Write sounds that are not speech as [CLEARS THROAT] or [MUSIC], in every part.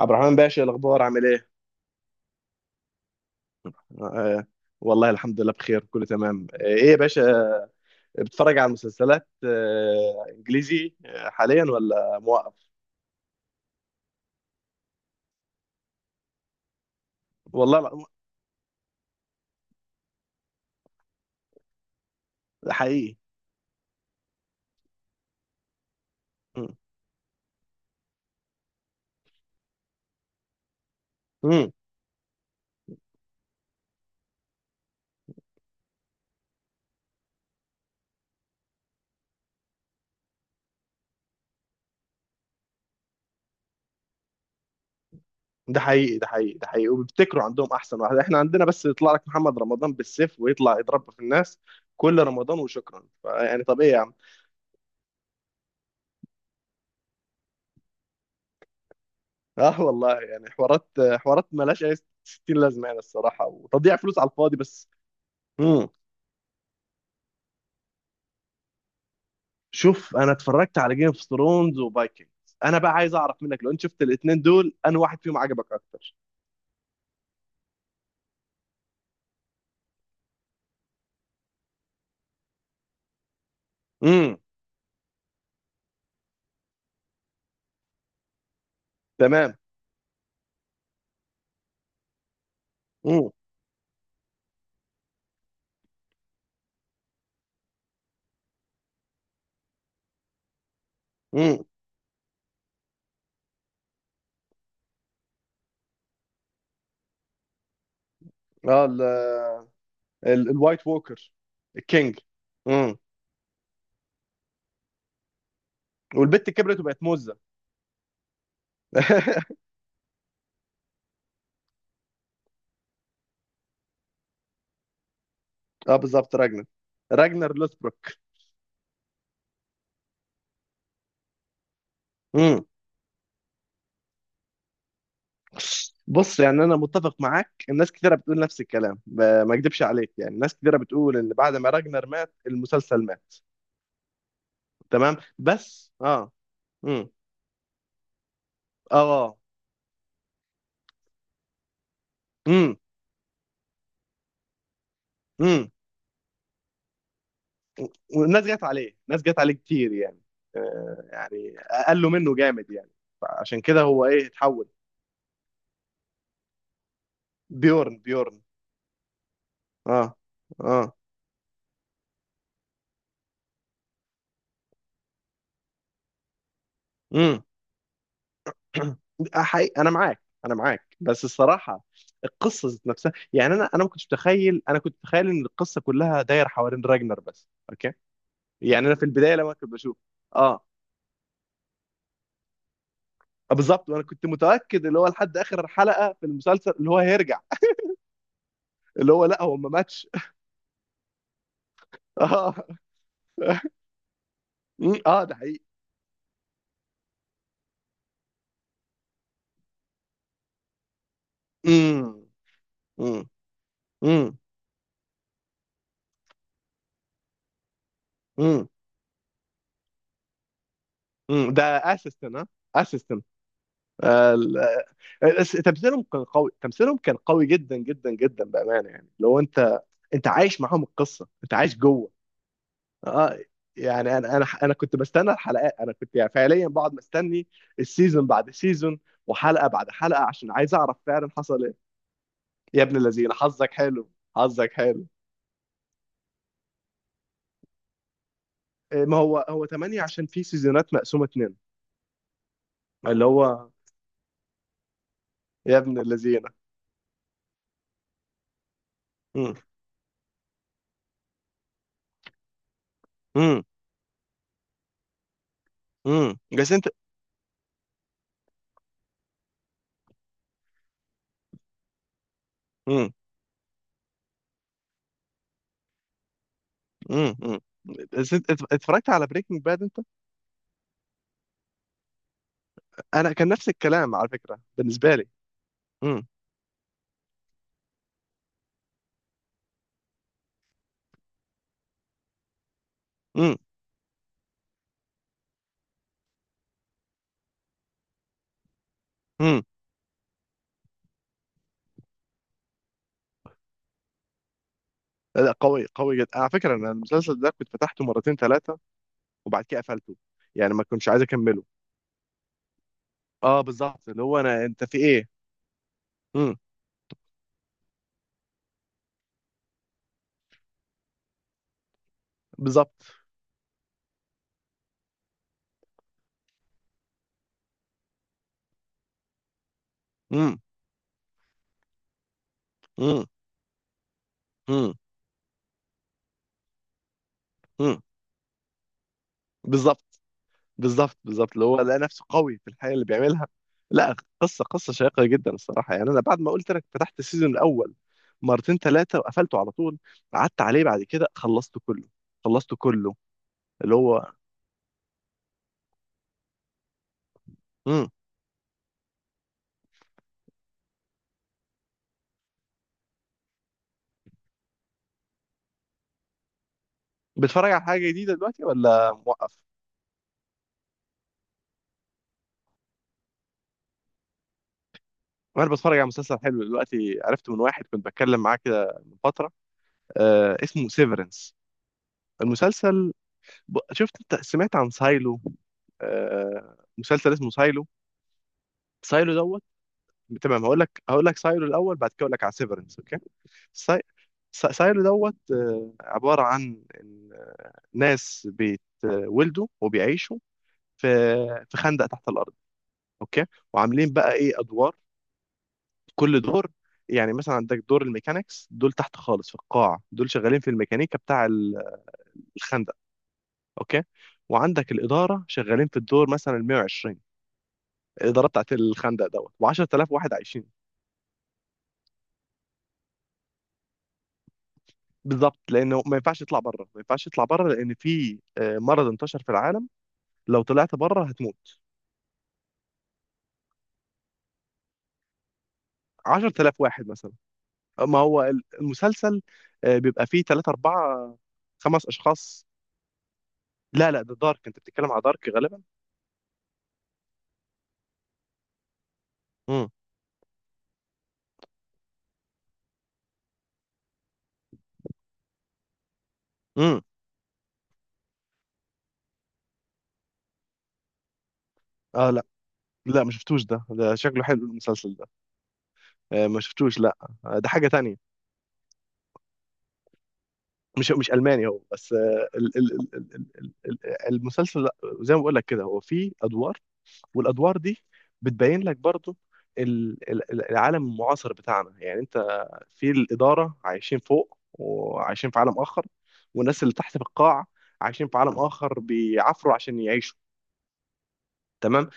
عبد الرحمن باشا، الاخبار عامل ايه؟ آه والله الحمد لله بخير، كله تمام. ايه يا باشا، بتتفرج على مسلسلات انجليزي حاليا ولا موقف؟ والله لا. ده حقيقي. مم. مم. ده حقيقي، ده حقيقي، ده حقيقي، وبيبتكروا عندهم احسن واحد. احنا عندنا بس يطلع لك محمد رمضان بالسيف ويطلع يضرب في الناس كل رمضان وشكرا. يعني طب ايه يا عم؟ اه والله يعني حوارات، حوارات ملهاش اي 60 لازمه يعني، الصراحه وتضييع فلوس على الفاضي بس. مم. شوف، انا اتفرجت على جيم اوف ثرونز وفايكنجز. انا بقى عايز اعرف منك، لو انت شفت الاثنين دول، انا واحد فيهم عجبك اكتر؟ امم. تمام. امم. امم. اه الوايت ووكر، الكينج. امم. والبت كبرت وبقت موزه. [LAUGHS] اه بالظبط، راجنر. راجنر لوثبروك. امم. بص، يعني انا متفق معاك، الناس كتيره بتقول نفس الكلام. ما اكدبش عليك، يعني ناس كتيره بتقول ان بعد ما راجنر مات المسلسل مات. تمام، بس اه. امم. اه. امم. امم. والناس جت عليه، ناس جت عليه كتير يعني، يعني اقلوا منه جامد يعني، عشان كده هو ايه اتحول. بيورن. اه. اه. امم. [CLEARS THROAT] حقيقي انا معاك، انا معاك، بس الصراحه القصه ذات نفسها يعني. انا ما كنتش متخيل، انا كنت متخيل ان القصه كلها دايره حوالين راجنر بس، اوكي. يعني انا في البدايه لما كنت بشوف. اه بالظبط، وانا كنت متاكد اللي هو لحد اخر حلقه في المسلسل اللي هو هيرجع، اللي هو لا هو ما ماتش. [LAUGHS] اه. اه ده حقيقي. امم. امم. امم. امم. امم. ده اسيستن ها، اسيستن. آه، ال- آه، تمثيلهم كان قوي، تمثيلهم كان قوي جدا جدا جدا بامانه يعني. لو انت، انت عايش معاهم القصه، انت عايش جوه. اه. يعني انا كنت بستنى الحلقات، انا كنت يعني فعليا بقعد مستني السيزون بعد سيزون، وحلقه بعد حلقه، عشان عايز اعرف فعلا حصل ايه. يا ابن الذين حظك حلو، حظك حلو. إيه، ما هو هو 8، عشان في سيزونات مقسومه اتنين. اللي هو يا ابن الذين. امم. امم. بس انت. امم. امم. امم. بس انت اتفرجت على بريكنج باد انت؟ انا كان نفس الكلام على فكره بالنسبه لي. امم. امم. امم. لا قوي، قوي جدا على فكره. انا المسلسل ده كنت فتحته مرتين ثلاثه، وبعد كده قفلته، يعني ما كنتش عايز اكمله. اه بالظبط، اللي هو انا انت في ايه. امم. بالظبط. امم. امم. امم. امم. بالظبط، بالظبط، بالظبط، اللي هو لقى نفسه قوي في الحاجه اللي بيعملها. لا قصه، قصه شيقه جدا الصراحه يعني. انا بعد ما قلت لك فتحت السيزون الاول مرتين ثلاثه وقفلته على طول. قعدت عليه بعد كده، خلصته كله، خلصته كله. اللي هو. امم. بتفرج على حاجه جديده دلوقتي ولا موقف؟ انا بتفرج على مسلسل حلو دلوقتي، عرفت من واحد كنت بتكلم معاه كده من فتره. آه اسمه سيفرنس. المسلسل. شفت انت، سمعت عن سايلو؟ آه مسلسل اسمه سايلو، سايلو دوت. تمام هقول لك، هقول لك سايلو الاول بعد كده اقول لك على سيفرنس، اوكي. ساي... سايلو دوت، عباره عن إن، ناس بيتولدوا وبيعيشوا في في خندق تحت الارض، اوكي. وعاملين بقى ايه ادوار، كل دور. يعني مثلا عندك دور الميكانيكس دول تحت خالص في القاع، دول شغالين في الميكانيكا بتاع الخندق، اوكي. وعندك الاداره شغالين في الدور مثلا 120، الاداره بتاعت الخندق دوت، و10000 واحد عايشين. بالظبط، لانه ما ينفعش يطلع بره، ما ينفعش يطلع بره، لان في مرض انتشر في العالم. لو طلعت بره هتموت. 10000 واحد مثلا. ما هو المسلسل بيبقى فيه 3 4 خمس اشخاص. لا لا، ده دارك، انت بتتكلم على دارك غالبا. امم. امم. اه لا، لا ما شفتوش ده، ده شكله حلو المسلسل ده. ما شفتوش لا. ده حاجة تانية. مش مش ألماني هو، بس المسلسل لا، زي ما بقول لك كده، هو فيه ادوار، والادوار دي بتبين لك برضو العالم المعاصر بتاعنا يعني. انت في الاداره عايشين فوق وعايشين في عالم اخر، والناس اللي تحت في القاع عايشين في عالم اخر بيعافروا عشان يعيشوا، تمام.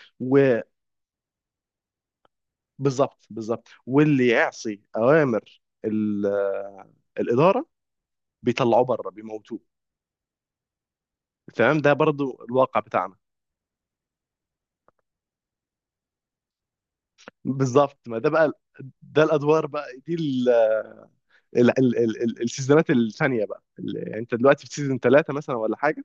وبالظبط، بالظبط، واللي يعصي اوامر الاداره بيطلعوه بره بيموتوه، تمام. ده برضو الواقع بتاعنا. بالظبط، ما ده بقى، ده الادوار بقى دي. السيزونات الثانيه بقى، يعني انت دلوقتي في سيزون ثلاثه مثلا ولا حاجه.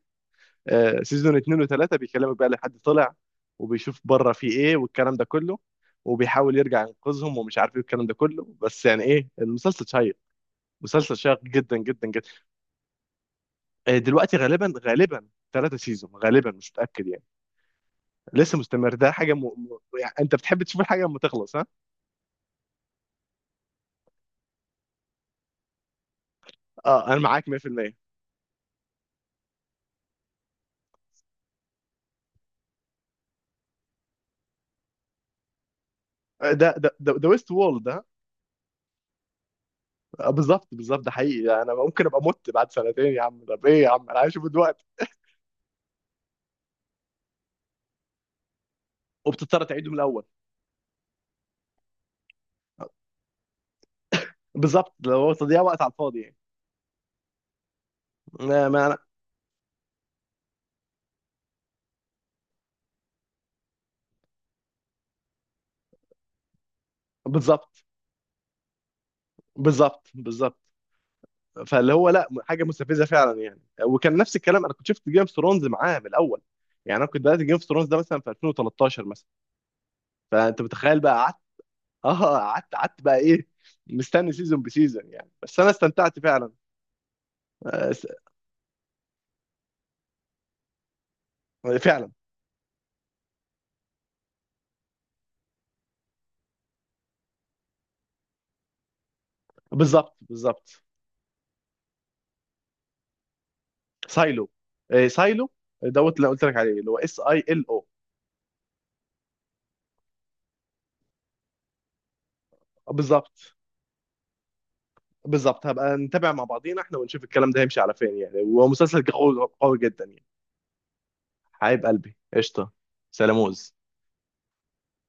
سيزون اثنين وثلاثه بيكلمك بقى لحد طلع، وبيشوف بره في ايه والكلام ده كله، وبيحاول يرجع ينقذهم ومش عارف ايه والكلام ده كله، بس يعني ايه المسلسل شيق، مسلسل شيق جدا جدا جدا. دلوقتي غالبا، غالبا ثلاثة سيزون غالبا، مش متأكد يعني. لسه مستمر، ده حاجة يعني انت بتحب تشوف الحاجة لما تخلص، ها؟ اه انا معاك 100%. ده ده ويست وول ده. بالظبط، بالظبط، ده حقيقي يعني. انا ممكن ابقى مت بعد سنتين يا عم، طب ايه يا عم انا عايشه دلوقتي. وبتضطر تعيده من الاول، بالظبط. لو هو تضييع وقت على الفاضي يعني. ما ما أنا... بالظبط، بالظبط، بالظبط. فاللي هو لا، حاجه مستفزه فعلا يعني. وكان نفس الكلام، انا كنت شفت جيم اوف ثرونز معاه من الاول، يعني انا كنت بدات جيم اوف ثرونز ده مثلا في 2013 مثلا. فانت متخيل بقى قعدت. اه قعدت، قعدت بقى ايه، مستني سيزون بسيزون يعني، بس انا استمتعت فعلا. آه، س- فعلا. بالظبط، بالظبط. سايلو، إيه، سايلو دوت، اللي قلت لك عليه، اللي هو اس اي ال او. بالظبط، بالظبط، هبقى نتابع مع بعضينا احنا ونشوف الكلام ده هيمشي على فين يعني، ومسلسل قوي، قوي جدا يعني. حبيب قلبي قشطه، سلاموز.